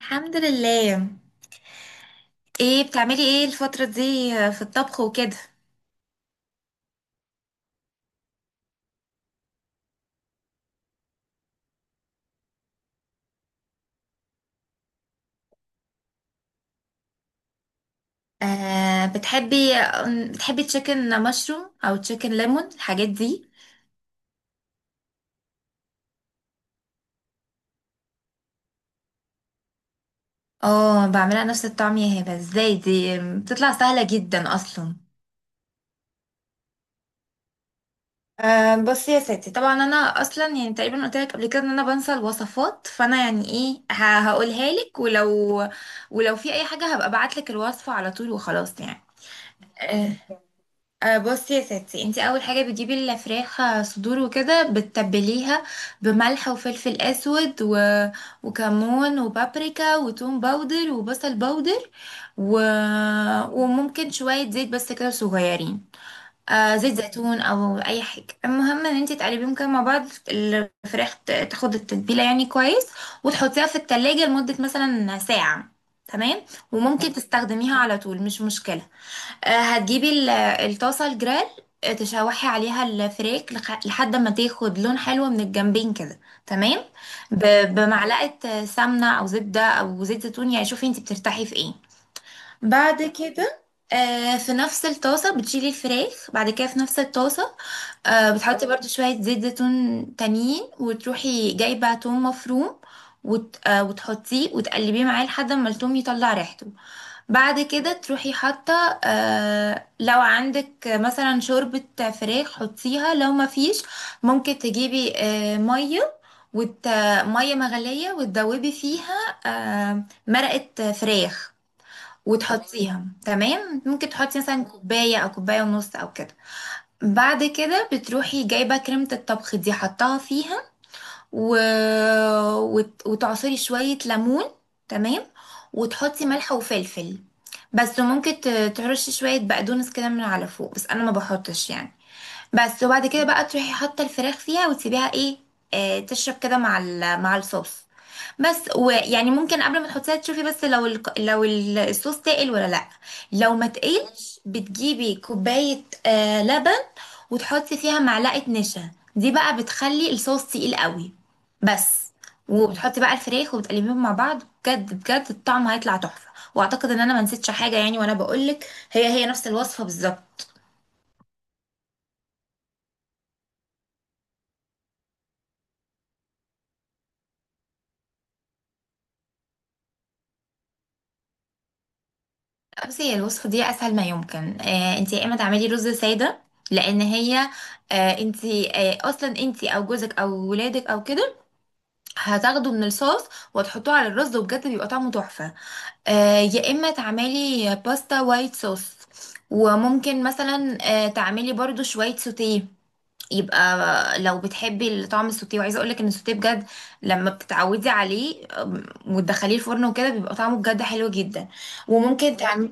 الحمد لله. ايه بتعملي ايه الفترة دي؟ في الطبخ وكده. آه، بتحبي تشيكن مشروم او تشيكن ليمون الحاجات دي؟ اه، بعملها نفس الطعم يا هبة. ازاي دي بتطلع سهلة جدا اصلا. بصي يا ستي، طبعا انا اصلا يعني تقريبا قلت لك قبل كده ان انا بنسى الوصفات، فانا يعني ايه، هقولها لك، ولو في اي حاجة هبقى ابعت لك الوصفة على طول وخلاص يعني. آه، بصي يا ستي، انت اول حاجه بتجيبي الفراخ، صدور وكده، بتتبليها بملح وفلفل اسود وكمون وبابريكا وتوم باودر وبصل باودر و... وممكن شويه زيت، بس كده صغيرين. آه، زيت زيتون او اي حاجه. المهم ان انت تقلبيهم كده مع بعض، الفراخ تاخد التتبيله يعني كويس، وتحطيها في التلاجة لمده مثلا ساعه. تمام. وممكن تستخدميها على طول، مش مشكله. هتجيبي الطاسة الجريل، تشوحي عليها الفريك لحد ما تاخد لون حلو من الجنبين كده. تمام. بمعلقة سمنة أو زبدة أو زيت زيتون، يعني شوفي انتي بترتاحي في ايه. بعد كده، في نفس الطاسة بتشيلي الفراخ، بعد كده في نفس الطاسة، بتحطي برضو شوية زيت زيتون تانيين، وتروحي جايبة توم مفروم، وت... آه، وتحطيه وتقلبيه معاه لحد ما التوم يطلع ريحته. بعد كده تروحي حاطه، آه، لو عندك مثلا شوربة فراخ حطيها، لو ما فيش ممكن تجيبي آه مية وت... مية مغلية وتدوبي فيها آه مرقة فراخ وتحطيها. تمام. ممكن تحطي مثلا كوباية أو كوباية ونص أو كده. بعد كده بتروحي جايبة كريمة الطبخ دي حطها فيها، و... وتعصري شوية ليمون. تمام. وتحطي ملح وفلفل، بس ممكن ترشي شوية بقدونس كده من على فوق، بس أنا ما بحطش يعني. بس، وبعد كده بقى تروحي حاطه الفراخ فيها وتسيبيها ايه، آه، تشرب كده مع مع الصوص. بس ويعني ممكن قبل ما تحطيها تشوفي بس لو الصوص تقل ولا لا. لو ما تقلش بتجيبي كوبايه آه لبن، وتحطي فيها معلقه نشا. دي بقى بتخلي الصوص تقيل قوي بس. وبتحطي بقى الفراخ وبتقلبيهم مع بعض، بجد بجد الطعم هيطلع تحفه. واعتقد ان انا ما نسيتش حاجه يعني وانا بقولك، هي هي نفس الوصفه بالظبط. بصي هي الوصفة دي أسهل ما يمكن. آه، انتي يا إما تعملي رز سادة، لأن هي آه، انتي آه، أصلا انتي أو جوزك أو ولادك أو كده هتاخدوا من الصوص وتحطوه على الرز، وبجد بيبقى طعمه تحفة. آه، يا إما تعملي باستا وايت صوص. وممكن مثلا آه تعملي برضو شوية سوتيه، يبقى لو بتحبي طعم السوتيه. وعايزه اقولك ان السوتيه بجد لما بتتعودي عليه، وتدخليه الفرن وكده بيبقى طعمه بجد حلو جدا. وممكن تعملي،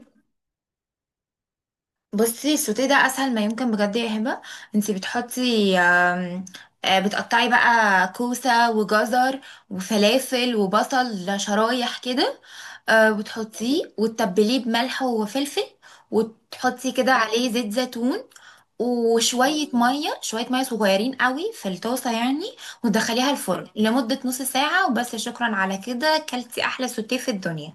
بصي السوتيه ده اسهل ما يمكن بجد يا هبه. انتي بتحطي، آم، آه، بتقطعي بقى كوسه وجزر وفلافل وبصل شرايح كده، آه، وتحطيه وتتبليه بملح وفلفل، وتحطي كده عليه زيت زيتون، وشويه ميه شويه ميه صغيرين قوي في الطاسه يعني، وتدخليها الفرن لمده نص ساعه، وبس، شكرا على كده كلتي احلى سوتيه في الدنيا.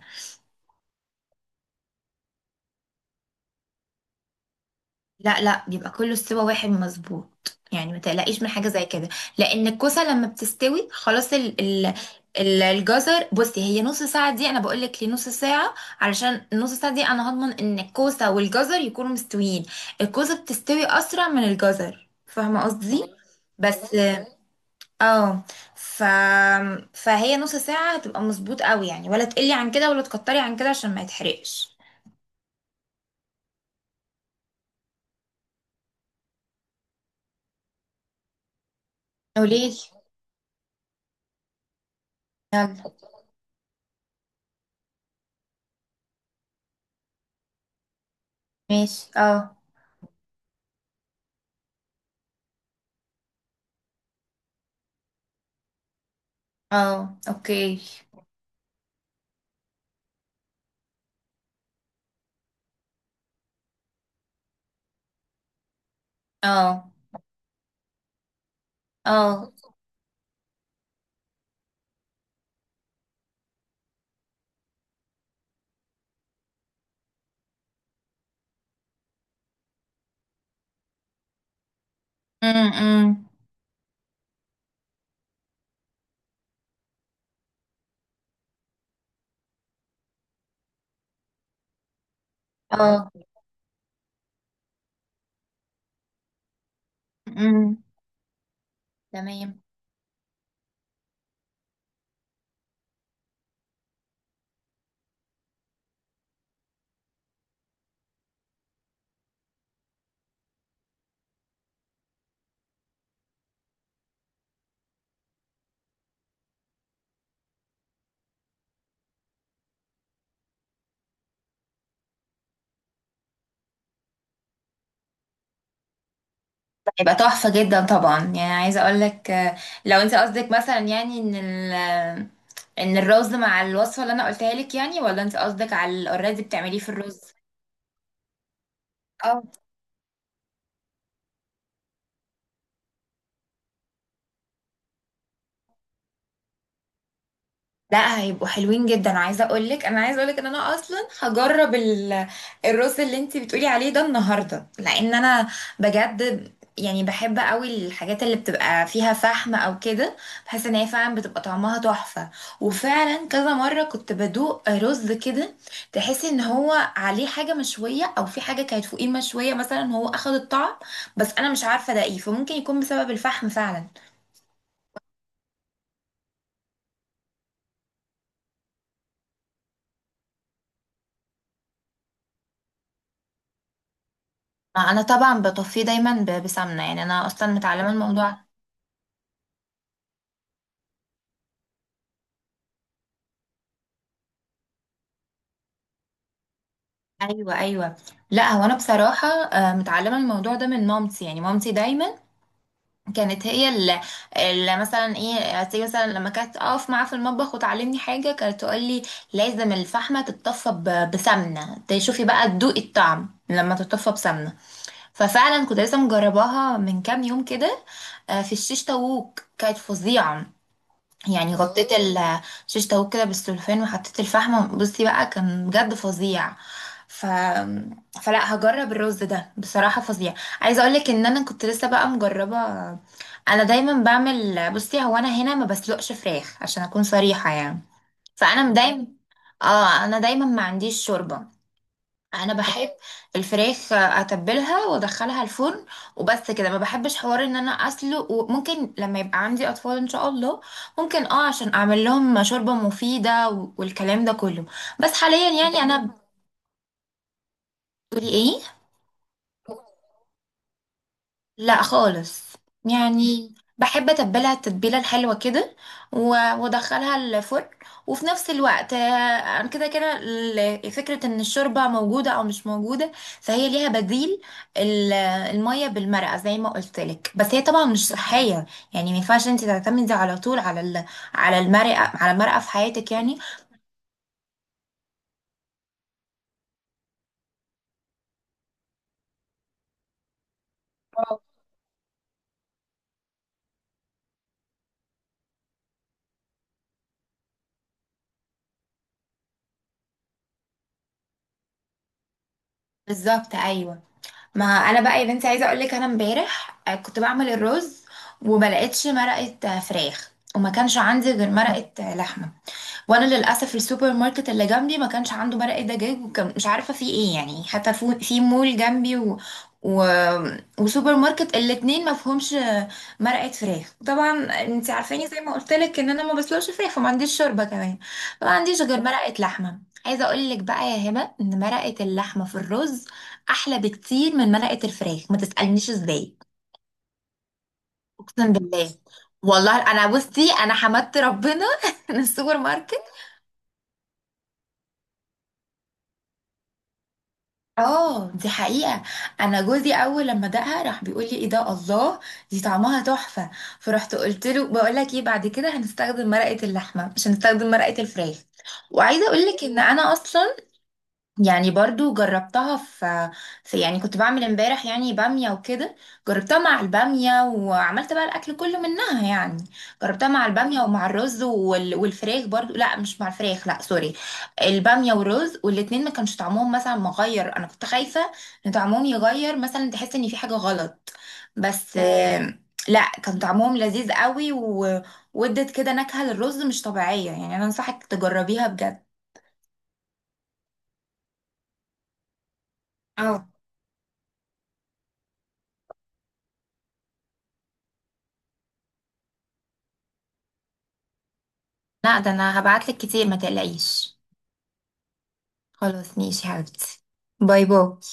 لا، بيبقى كله استوى واحد مظبوط يعني، ما تقلقيش من حاجة زي كده. لأن الكوسة لما بتستوي خلاص، الجزر، بصي هي نص ساعة دي أنا بقولك ليه نص ساعة، علشان النص ساعة دي أنا هضمن إن الكوسة والجزر يكونوا مستويين. الكوسة بتستوي أسرع من الجزر، فاهمة قصدي؟ بس، اه ف... فهي نص ساعة هتبقى مظبوط قوي يعني، ولا تقلي عن كده ولا تكتري عن كده عشان ما يتحرقش. قوليلي. يلا، ماشي. اه. اه، اوكي. اه. اه. امم امم، اه. امم. تمام. هيبقى تحفة جدا طبعا. يعني عايزة اقول لك آه، لو انت قصدك مثلا يعني ان ان الرز مع الوصفة اللي انا قلتها لك يعني، ولا انت قصدك على الاوريدي بتعمليه في الرز. لا، هيبقوا حلوين جدا. عايزه اقول لك، ان انا اصلا هجرب الرز اللي انت بتقولي عليه ده النهارده، لان انا بجد يعني بحب قوي الحاجات اللي بتبقى فيها فحم او كده. بحس ان هي فعلا بتبقى طعمها تحفه. وفعلا كذا مره كنت بدوق رز كده، تحسي ان هو عليه حاجه مشويه، او في حاجه كانت فوقيه مشويه مثلا هو اخد الطعم. بس انا مش عارفه ده ايه، فممكن يكون بسبب الفحم فعلا. انا طبعا بطفيه دايما بسمنه، يعني انا اصلا متعلمه الموضوع. ايوه لا، هو انا بصراحه آه، متعلمه الموضوع ده من مامتي، يعني مامتي دايما كانت هي اللي، اللي مثلا ايه، تيجي مثلا لما كانت اقف معاها في المطبخ وتعلمني حاجه كانت تقول لي لازم الفحمه تتطفى بسمنه، تشوفي بقى تدوقي الطعم لما تتطفى بسمنه. ففعلا كنت لسه مجرباها من كام يوم كده، في الشيش طاووق، كانت فظيعه. يعني غطيت اه شيش طاووق كده بالسلوفان وحطيت الفحم، بصي بقى كان بجد فظيع. ف... فلا هجرب الرز ده، بصراحة فظيع. عايزة اقولك ان انا كنت لسه بقى مجربة. انا دايما بعمل، بصي هو انا هنا ما بسلقش فراخ عشان اكون صريحة يعني. فانا اه دايما، اه انا دايما ما عنديش شوربة. انا بحب الفراخ اتبلها وادخلها الفرن وبس كده، ما بحبش حوار ان انا اسلق. وممكن لما يبقى عندي اطفال ان شاء الله ممكن اه عشان اعمل لهم شوربة مفيدة والكلام ده كله. بس حاليا يعني انا، بتقولي ايه؟ لا خالص. يعني بحب اتبلها التتبيله الحلوه كده و- وادخلها الفرن، وفي نفس الوقت آه، انا كده كده فكره ان الشوربه موجوده او مش موجوده، فهي ليها بديل، ال- الميه بالمرقه زي ما قلت لك. بس هي طبعا مش صحيه، يعني ما ينفعش انت تعتمدي على طول على على المرقه في حياتك يعني. بالظبط، ايوه. ما انا بقى يا بنتي عايزه اقول لك، انا امبارح آه، كنت بعمل الرز وما لقيتش مرقه آه، فراخ، وما كانش عندي غير مرقه آه، لحمه. وانا للاسف السوبر ماركت اللي جنبي ما كانش عنده مرقه دجاج، وكان مش عارفه فيه ايه يعني، حتى في مول جنبي و... وسوبر ماركت الاتنين ما فيهمش آه، مرقه فراخ. طبعا انت عارفاني زي ما قلت لك ان انا ما بسلقش فراخ وما عنديش شوربه كمان، ما عنديش غير مرقه لحمه. عايزه اقول لك بقى يا هبه ان مرقه اللحمه في الرز احلى بكتير من مرقه الفراخ، ما تسالنيش ازاي. اقسم بالله. والله انا بصي انا حمدت ربنا من السوبر ماركت. اه، دي حقيقه. انا جوزي اول لما دقها راح بيقول لي ايه ده، الله، دي طعمها تحفه. فرحت قلت له بقول لك ايه، بعد كده هنستخدم مرقه اللحمه مش هنستخدم مرقه الفراخ. وعايزه اقول لك ان انا اصلا يعني برضو جربتها في يعني كنت بعمل امبارح يعني بامية وكده، جربتها مع البامية، وعملت بقى الأكل كله منها يعني. جربتها مع البامية ومع الرز والفراخ برضو، لا مش مع الفراخ، لا سوري، البامية والرز، والاتنين ما كانش طعمهم مثلا مغير. أنا كنت خايفة إن طعمهم يغير مثلا، تحس إن في حاجة غلط، بس آه، لا كان طعمهم لذيذ قوي، وادت كده نكهة للرز مش طبيعية يعني، أنا أنصحك تجربيها بجد. اه. لا ده انا هبعتلك كتير، ما تقلقيش. خلاص ماشي يا حبيبتي. باي باي.